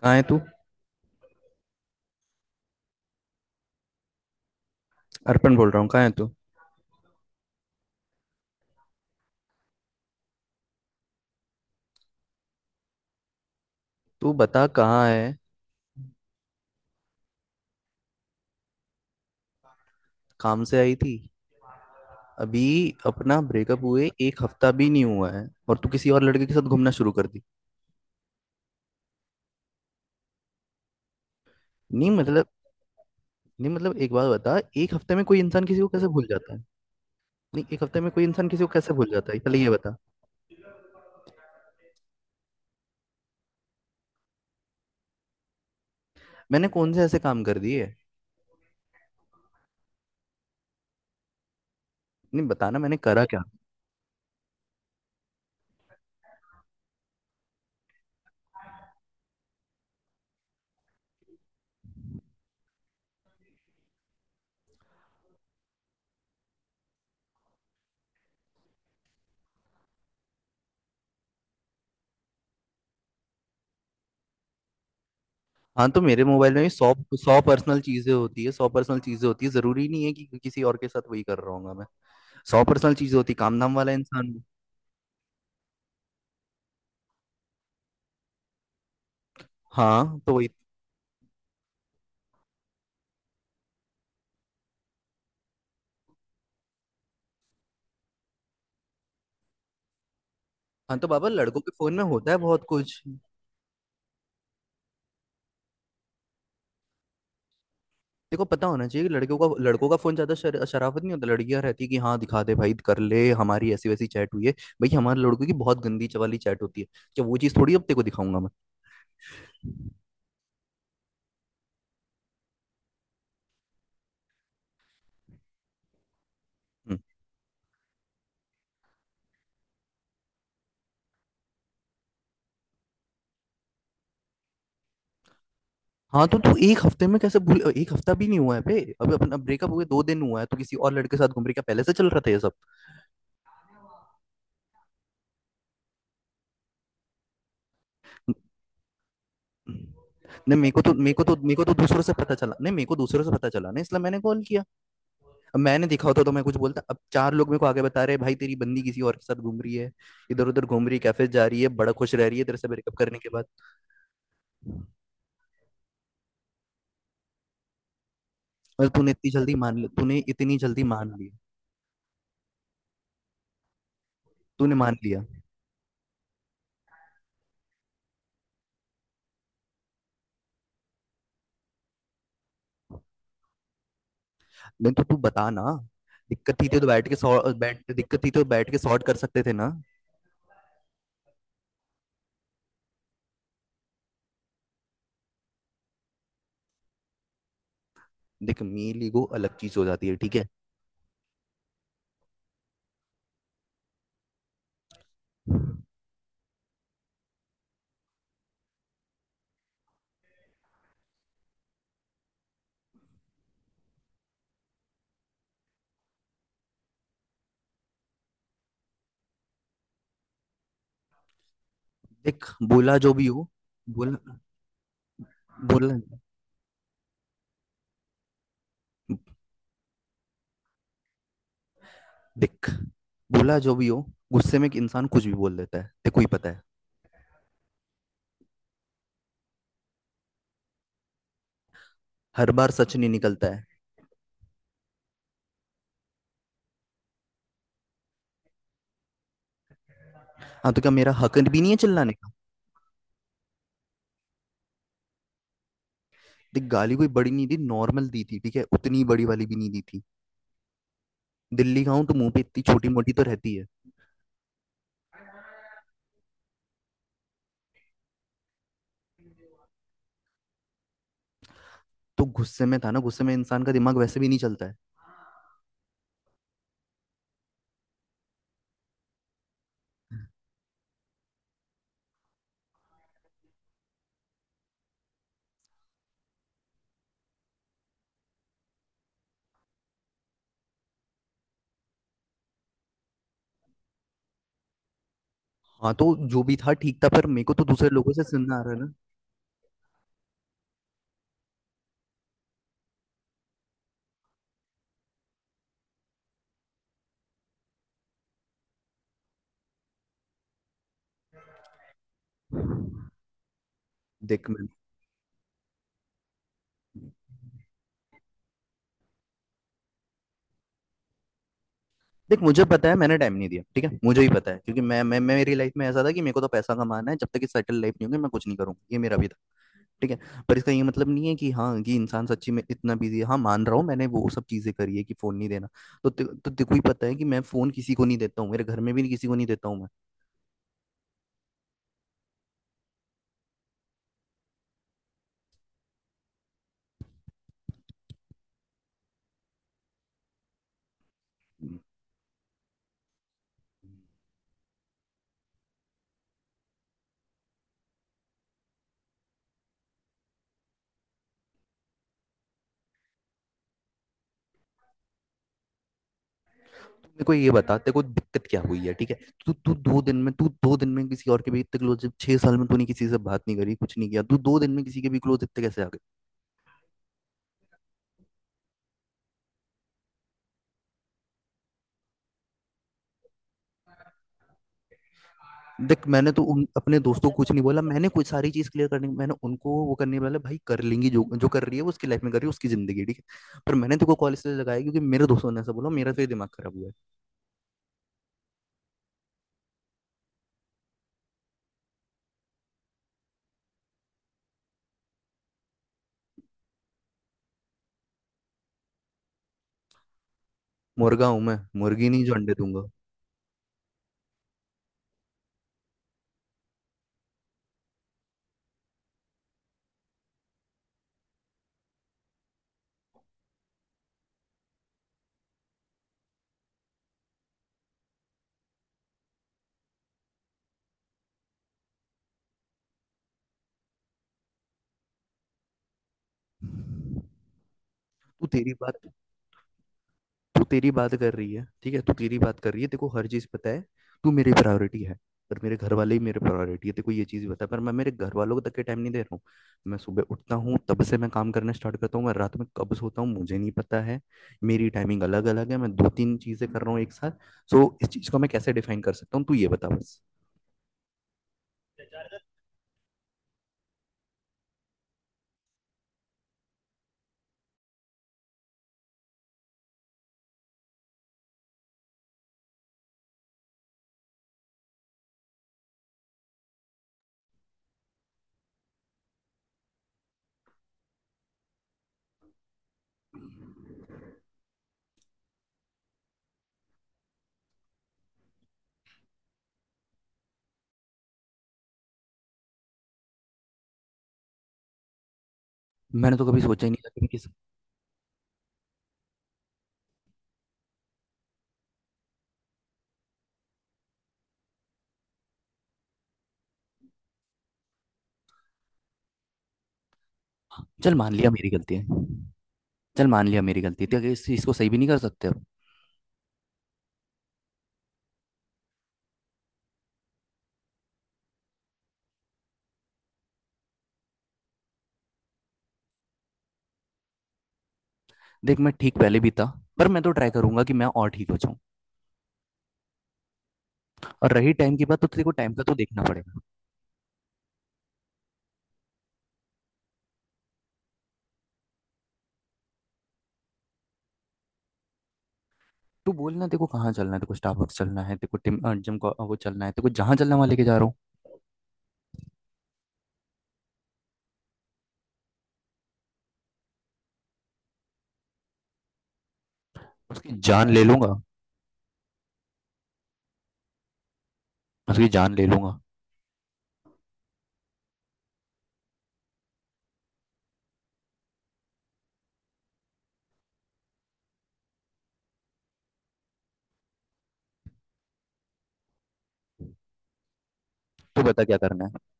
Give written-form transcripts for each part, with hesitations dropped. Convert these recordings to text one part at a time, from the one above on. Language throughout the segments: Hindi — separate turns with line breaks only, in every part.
कहाँ है तू? अर्पण बोल रहा हूँ। कहाँ है तू? तू बता, कहाँ है? काम से आई थी? अभी। अपना ब्रेकअप हुए एक हफ्ता भी नहीं हुआ है और तू किसी और लड़के के साथ घूमना शुरू कर दी। नहीं मतलब। नहीं मतलब, एक बात बता, एक हफ्ते में कोई इंसान किसी को कैसे भूल जाता है? नहीं, एक हफ्ते में कोई इंसान किसी को कैसे भूल जाता है, पहले ये बता। मैंने कौन से ऐसे काम कर दिए? नहीं बताना, मैंने करा क्या? हाँ तो मेरे मोबाइल में भी सौ सौ पर्सनल चीजें होती है, सौ पर्सनल चीजें होती है, जरूरी नहीं है कि किसी और के साथ वही कर रहा हूँ मैं। सौ पर्सनल चीजें होती, काम धाम वाला इंसान हूँ। हाँ तो वही। हाँ तो बाबा, लड़कों के फोन में होता है बहुत कुछ। देखो, पता होना चाहिए कि लड़कियों का लड़कों का फोन ज्यादा शराफत नहीं होता। लड़कियां रहती कि हाँ दिखा दे भाई कर ले, हमारी ऐसी वैसी चैट हुई है। भाई हमारे लड़कों की बहुत गंदी वाली चैट होती है। क्या वो चीज थोड़ी अब तेरे को दिखाऊंगा मैं? हम्म। हाँ तो तू एक हफ्ते में कैसे भूल, एक हफ्ता भी नहीं हुआ है बे, अभी अपना ब्रेकअप हुए 2 दिन हुआ है, तो किसी और लड़के के साथ घूम रही क्या? पहले से चल रहा था ये सब? नहीं मेरे को तो मेरे को तो मेरे को तो दूसरों से पता चला, नहीं मेरे को दूसरों से पता चला ना, इसलिए मैंने कॉल किया। अब मैंने देखा होता तो मैं कुछ बोलता, अब चार लोग मेरे को आगे बता रहे हैं भाई तेरी बंदी किसी और के साथ घूम रही है, इधर उधर घूम रही है, कैफे जा रही है, बड़ा खुश रह रही है तेरे से ब्रेकअप करने के बाद। और तूने इतनी जल्दी मान लिया, तूने इतनी जल्दी मान लिया, तूने मान लिया। नहीं तो तू बता ना, दिक्कत थी तो बैठ के सॉ- बैठ दिक्कत थी तो बैठ के सॉर्ट कर सकते थे ना। देख, मेल ईगो अलग चीज हो जाती है, ठीक है। देख, बोला जो भी हो। बोला। बोला। देख, बोला जो भी हो, गुस्से में एक इंसान कुछ भी बोल देता है, देखो ही पता है। हर बार सच नहीं निकलता है। हाँ तो क्या मेरा हक भी नहीं है चिल्लाने का? देख, गाली कोई बड़ी नहीं दी, नॉर्मल दी थी, ठीक है, उतनी बड़ी वाली भी नहीं दी थी। दिल्ली का हूं तो मुंह पे इतनी छोटी मोटी तो रहती है। तो गुस्से में था ना, गुस्से में इंसान का दिमाग वैसे भी नहीं चलता है। हाँ तो जो भी था ठीक था, पर मेरे को तो दूसरे लोगों से सुनना आ रहा है ना। देख मैं, देख मुझे पता है मैंने टाइम नहीं दिया, ठीक है, मुझे ही पता है, क्योंकि मैं मेरी लाइफ में ऐसा था कि मेरे को तो पैसा कमाना है, जब तक कि सेटल लाइफ नहीं होगी मैं कुछ नहीं करूंगा, ये मेरा भी था। ठीक है। पर इसका ये मतलब नहीं है कि हाँ कि इंसान सच्ची में इतना बिजी है, हाँ मान रहा हूँ मैंने वो सब चीजें करी है कि फोन नहीं देना। तो तेको ही पता है कि मैं फोन किसी को नहीं देता हूँ, मेरे घर में भी नहीं, किसी को नहीं देता हूँ मैं। तू मेरे को ये बता तेरे को दिक्कत क्या हुई है, ठीक है? तू तू 2 दिन में, तू दो दिन में किसी और के भी इतने क्लोज, जब 6 साल में तूने किसी से बात नहीं करी कुछ नहीं किया, तू 2 दिन में किसी के भी क्लोज इतने कैसे आ? देख, मैंने तो उन अपने दोस्तों को कुछ नहीं बोला, मैंने कुछ सारी चीज क्लियर करने, मैंने उनको वो करने वाला भाई कर लेंगी जो जो कर रही है वो उसकी लाइफ में कर रही है, उसकी जिंदगी है, ठीक है, पर मैंने तेको कॉल इसलिए लगाया क्योंकि मेरे दोस्तों ने ऐसा बोला, मेरा तो ये दिमाग खराब हुआ है। मुर्गा हूं मैं, मुर्गी नहीं जो अंडे दूंगा। तू तेरी बात, तू तेरी बात कर रही है, ठीक है, तू तेरी बात कर रही है तेरे को हर चीज पता है। तू मेरी प्रायोरिटी है। पर मेरे घर वाले ही मेरे प्रायोरिटी है, तेरे को ये चीज पता है, पर मैं मेरे घर वालों को तक के टाइम नहीं दे रहा हूँ। मैं सुबह उठता हूँ तब से मैं काम करना स्टार्ट करता हूँ, मैं रात में कब सोता हूँ मुझे नहीं पता है। मेरी टाइमिंग अलग अलग है, मैं दो तीन चीजें कर रहा हूँ एक साथ। सो इस चीज को मैं कैसे डिफाइन कर सकता हूँ, तू ये बता बस। मैंने तो कभी सोचा ही नहीं था कि मैं किस। चल मान लिया मेरी गलती है। चल मान लिया मेरी गलती है, तो क्या इस चीज को सही भी नहीं कर सकते अब? देख मैं ठीक पहले भी था, पर मैं तो ट्राई करूंगा कि मैं और ठीक हो जाऊं। और रही टाइम की बात तो तेरे को टाइम का तो देखना पड़ेगा। तू बोलना तेरे को कहाँ चलना है, तेरे को स्टारबक्स चलना है, तेरे को जिम को वो चलना है, तेरे को जहाँ चलना है वहाँ लेके जा रहा हूँ। उसकी जान ले लूंगा। उसकी जान ले लूंगा। तू बता क्या करना है।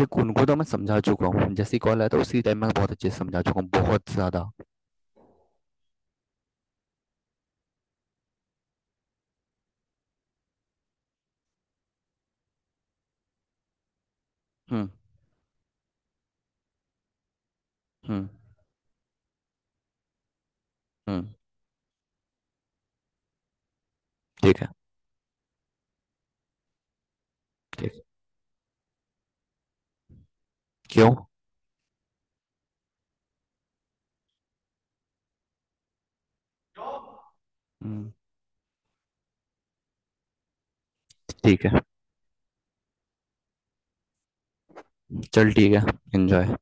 देख उनको तो मैं समझा चुका हूँ, जैसे कॉल आया था उसी टाइम मैं बहुत अच्छे से समझा चुका हूँ, बहुत ज्यादा। हम्म। हम्म। हम्म। ठीक है। ठीक। क्यों? हम्म, ठीक है। चल ठीक है। एंजॉय।